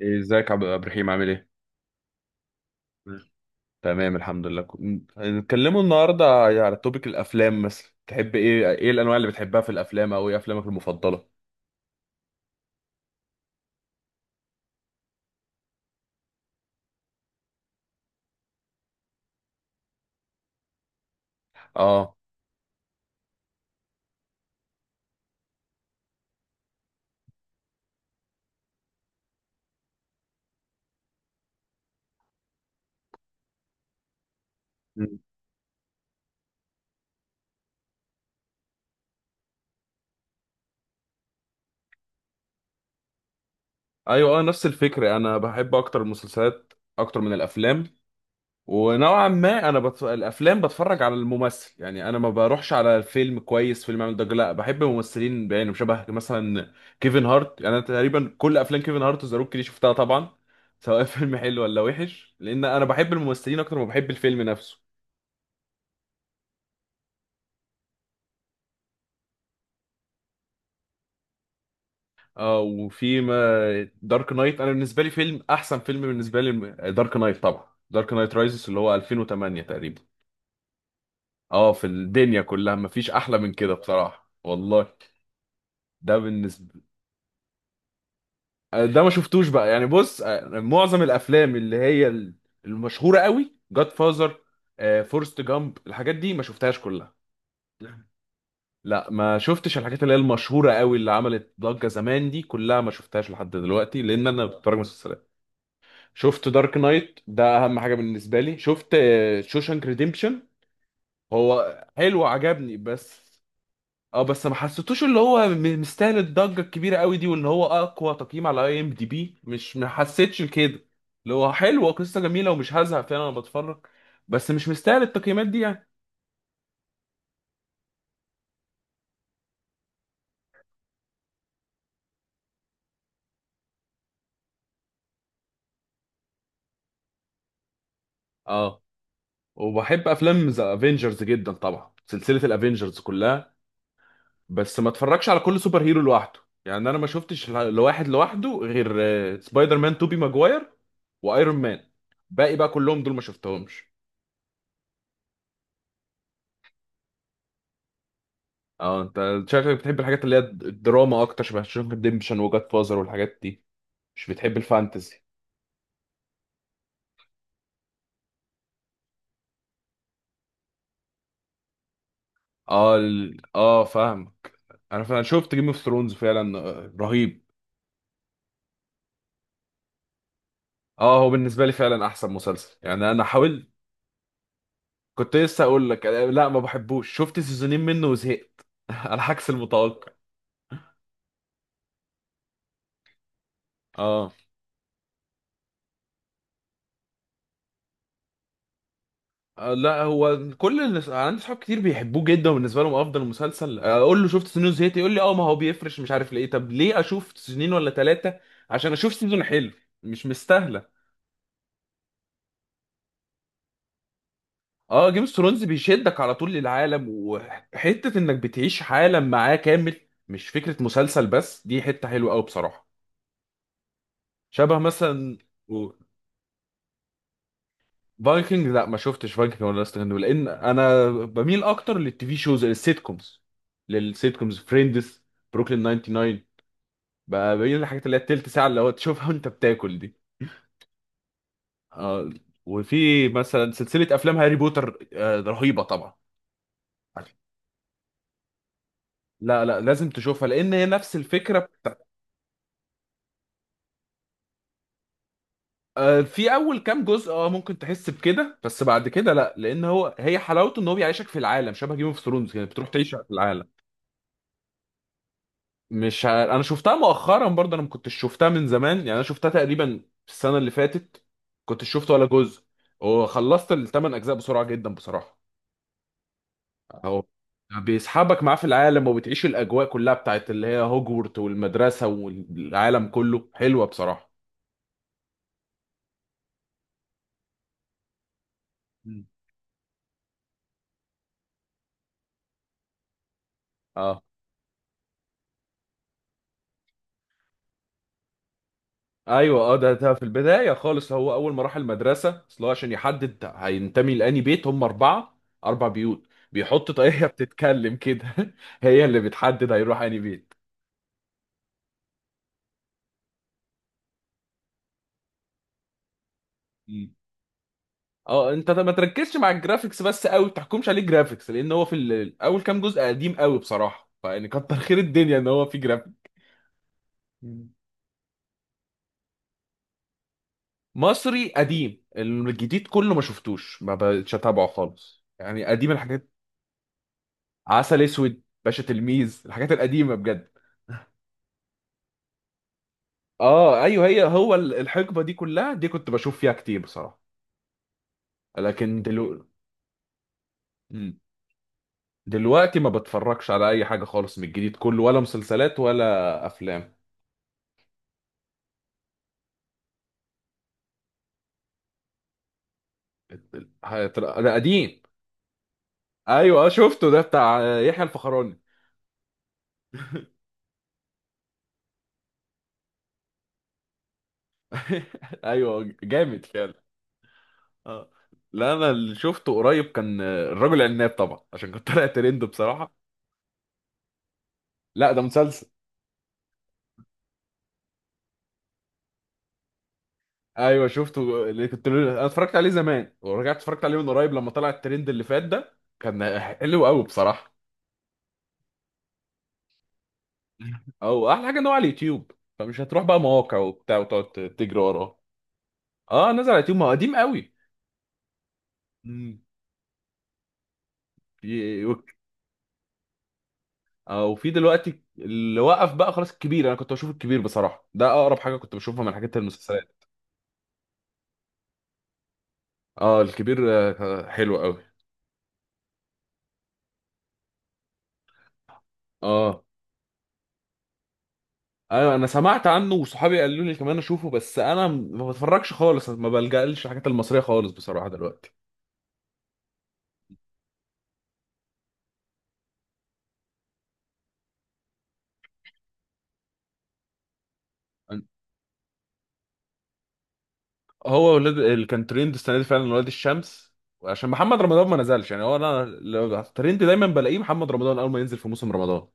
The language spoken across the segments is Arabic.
إيه، ازيك عبد الرحيم عامل ايه؟ مم. تمام الحمد لله هنتكلموا النهارده على توبيك الافلام، مثلا تحب ايه الانواع اللي بتحبها في الافلام، او ايه افلامك المفضله؟ اه. مم. ايوه، اه، نفس الفكره، انا بحب اكتر المسلسلات اكتر من الافلام. ونوعا ما انا الافلام بتفرج على الممثل، يعني انا ما بروحش على الفيلم كويس، فيلم عامل ضجه، لا بحب ممثلين، يعني شبه مثلا كيفن هارت. يعني انا تقريبا كل افلام كيفن هارت وذا روك دي شفتها طبعا، سواء فيلم حلو ولا وحش، لان انا بحب الممثلين اكتر ما بحب الفيلم نفسه. اه. وفي ما دارك نايت انا بالنسبه لي احسن فيلم بالنسبه لي، دارك نايت طبعا، دارك نايت رايزز، اللي هو 2008 تقريبا. اه، في الدنيا كلها مفيش احلى من كده بصراحه والله. ده بالنسبه. ده ما شفتوش بقى، يعني بص، معظم الافلام اللي هي المشهوره قوي، جاد فازر، فورست جامب، الحاجات دي ما شفتهاش كلها. لا، ما شفتش الحاجات اللي هي المشهوره قوي، اللي عملت ضجه زمان، دي كلها ما شفتهاش لحد دلوقتي، لان انا بتفرج مسلسلات. شفت دارك نايت، ده اهم حاجه بالنسبه لي. شفت شوشانك ريديمبشن، هو حلو عجبني، بس اه، بس ما حسيتوش اللي هو مستاهل الضجه الكبيره قوي دي، وان هو اقوى تقييم على IMDB. مش، ما حسيتش كده. اللي هو حلو، قصه جميله ومش هزهق، فعلا انا بتفرج، بس مش مستاهل التقييمات دي يعني. اه، وبحب افلام ذا افنجرز جدا طبعا، سلسله الافنجرز كلها. بس ما اتفرجش على كل سوبر هيرو لوحده، يعني انا ما شفتش لواحد لوحده غير سبايدر مان توبي ماجواير، وايرون مان. باقي بقى كلهم دول ما شفتهمش. اه، انت شكلك بتحب الحاجات اللي هي الدراما اكتر، شبه شونك ريديمشن وجاد فازر والحاجات دي، مش بتحب الفانتزي. اه اه فاهمك. انا فعلا شفت جيم اوف ثرونز فعلا، رهيب. اه، هو بالنسبه لي فعلا احسن مسلسل، يعني انا حاولت. كنت لسه اقول لك، لا ما بحبوش، شفت سيزونين منه وزهقت على عكس المتوقع. اه. لا، هو كل الناس، أنا عندي صحاب كتير بيحبوه جدا وبالنسبه لهم افضل مسلسل، اقول له شفت سنين زهقت، يقول لي اه ما هو بيفرش، مش عارف ليه. طب ليه اشوف سنين ولا ثلاثه عشان اشوف سيزون حلو؟ مش مستاهله. اه، جيم اوف ثرونز بيشدك على طول للعالم، وحته انك بتعيش عالم معاه كامل، مش فكره مسلسل بس، دي حته حلوه قوي بصراحه. شبه مثلا. فايكنج، لا ما شفتش فايكنج ولا لاست، لان انا بميل اكتر للتي في شوز، للسيت كومز فريندز، بروكلين 99، بقى بين الحاجات اللي هي التلت ساعة اللي هو تشوفها وانت بتاكل دي. آه وفي مثلا سلسلة أفلام هاري بوتر، رهيبة طبعا. لا لا، لازم تشوفها لأن هي نفس الفكرة. في أول كام جزء اه ممكن تحس بكده، بس بعد كده لا، لأن هي حلاوته إن هو بيعيشك في العالم، شبه جيم اوف ثرونز كده، بتروح تعيش في العالم. مش أنا شفتها مؤخرا برضه، أنا ما كنتش شفتها من زمان، يعني أنا شفتها تقريبا السنة اللي فاتت، كنتش شفت ولا جزء، وخلصت الثمان أجزاء بسرعة جدا بصراحة. اهو، بيسحبك معاه في العالم، وبتعيش الاجواء كلها بتاعت اللي هي هوجورت، والمدرسه والعالم كله، حلوه بصراحه. مم. اه ايوه، اه، ده في البدايه خالص، هو اول ما راح المدرسه، اصل هو عشان يحدد هينتمي لاني بيت، هم اربع بيوت، بيحط طاقيه بتتكلم كده هي اللي بتحدد هيروح انهي بيت. مم. اه، انت ما تركزش مع الجرافيكس بس قوي، ما تحكمش عليه جرافيكس، لان هو في اول كام جزء قديم قوي بصراحه، فيعني كتر خير الدنيا ان هو في جرافيكس. مصري قديم، الجديد كله ما شفتوش، ما بقتش اتابعه خالص يعني، قديم الحاجات. عسل اسود، باشا تلميذ، الحاجات القديمه بجد. اه ايوه، الحقبه دي كلها دي كنت بشوف فيها كتير بصراحه. لكن مم. دلوقتي ما بتفرجش على اي حاجه خالص من الجديد كله، ولا مسلسلات ولا افلام. ده قديم. ايوه، شفته، ده بتاع يحيى الفخراني. ايوه جامد فعلا. اه. لا انا اللي شفته قريب كان، الرجل العناب طبعا، عشان كنت طالع ترند بصراحه. لا ده مسلسل. ايوه شفته، اللي كنت انا اتفرجت عليه زمان ورجعت اتفرجت عليه من قريب لما طلع الترند اللي فات ده، كان حلو قوي بصراحه. او احلى حاجه ان هو على اليوتيوب، فمش هتروح بقى مواقع وبتاع وتقعد تجري وراه. اه، نزل على اليوتيوب، ما هو قديم قوي. مم. في اه وفي دلوقتي اللي وقف بقى خلاص الكبير، انا كنت بشوف الكبير بصراحه، ده اقرب حاجه كنت بشوفها من حاجات المسلسلات. اه، الكبير حلو قوي. اه ايوه، انا سمعت عنه، وصحابي قالوا لي كمان اشوفه، بس انا ما بتفرجش خالص، ما بلجألش الحاجات المصريه خالص بصراحه دلوقتي. هو ولاد اللي كان ترند السنه دي فعلا، ولاد الشمس، عشان محمد رمضان ما نزلش، يعني هو انا لو ترند دايما بلاقيه محمد رمضان اول ما ينزل في موسم رمضان.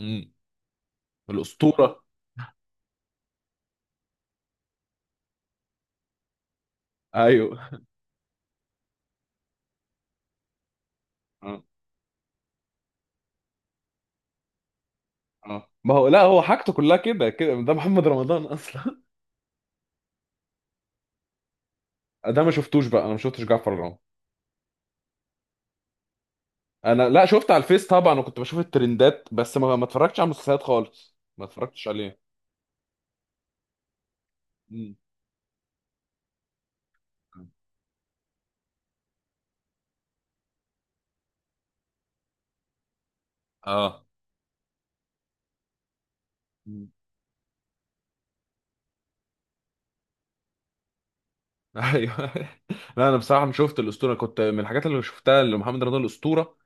امم الاسطوره. ايوه. اه. اه، ما هو لا، هو حاجته كلها كده كده، ده محمد رمضان اصلا. ده ما شفتوش بقى، انا ما شفتش جعفر العمدة. انا لا، شفت على الفيس طبعا وكنت بشوف الترندات، بس ما اتفرجتش على المسلسلات خالص، ما اتفرجتش عليه. مم. اه. مم. ايوه. لا انا بصراحه مش شفت الاسطوره، كنت من الحاجات اللي شفتها لمحمد رمضان الاسطوره.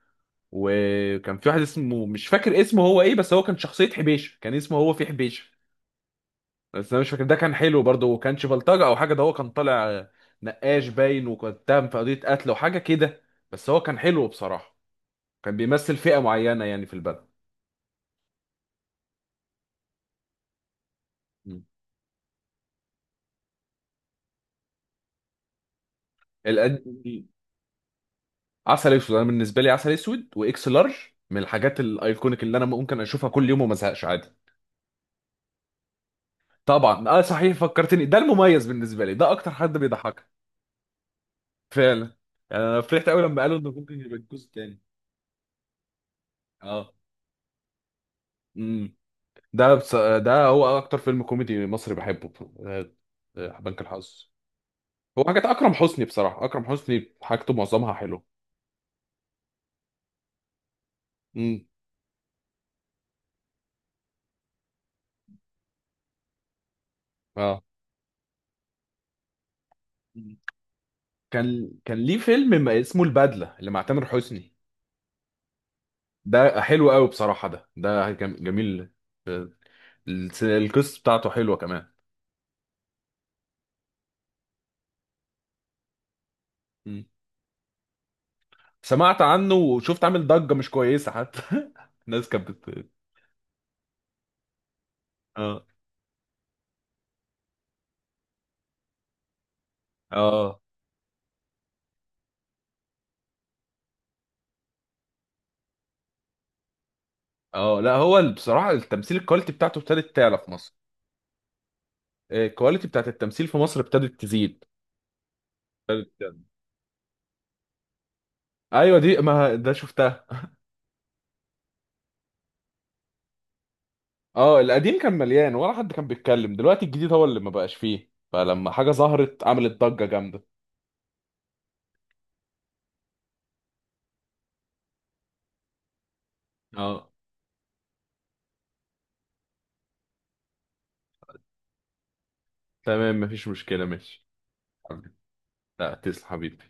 وكان في واحد اسمه، مش فاكر اسمه هو ايه، بس هو كان شخصيه حبيشه، كان اسمه هو في حبيشه، بس انا مش فاكر. ده كان حلو برضه، وكانش بلطجه او حاجه، ده هو كان طالع نقاش باين، وكان اتهم في قضيه قتل وحاجه كده، بس هو كان حلو بصراحه، كان بيمثل فئه معينه يعني في البلد. مم. القد... عسل اسود، انا بالنسبه لي عسل اسود واكس لارج من الحاجات الايكونيك اللي انا ممكن اشوفها كل يوم وما ازهقش عادي. طبعا، اه صحيح فكرتني، ده المميز بالنسبه لي، ده اكتر حد بيضحك. فعلا. يعني انا فرحت قوي لما قالوا انه ممكن يبقى الجزء الثاني. اه. امم ده هو اكتر فيلم كوميدي مصري بحبه، آه، بنك الحظ. هو حاجات اكرم حسني بصراحه، اكرم حسني حاجته معظمها حلوه. امم اه، كان ليه فيلم ما اسمه البدله، اللي مع تامر حسني، ده حلو قوي بصراحة، ده جميل، القصة بتاعته حلوة كمان. مم. سمعت عنه، وشفت عامل ضجة مش كويسة حتى الناس كانت اه. اه اه، لا هو بصراحة التمثيل، الكواليتي بتاعته ابتدت تعلى في مصر، الكواليتي بتاعت التمثيل في مصر ابتدت تزيد، ابتدت تعلى. ايوه دي ما ده شفتها. اه، القديم كان مليان، ولا حد كان بيتكلم، دلوقتي الجديد هو اللي ما بقاش فيه، فلما حاجة ظهرت عملت ضجة جامدة. اه، تمام مفيش مشكلة، ماشي حبيبي. لا تسلم حبيبي.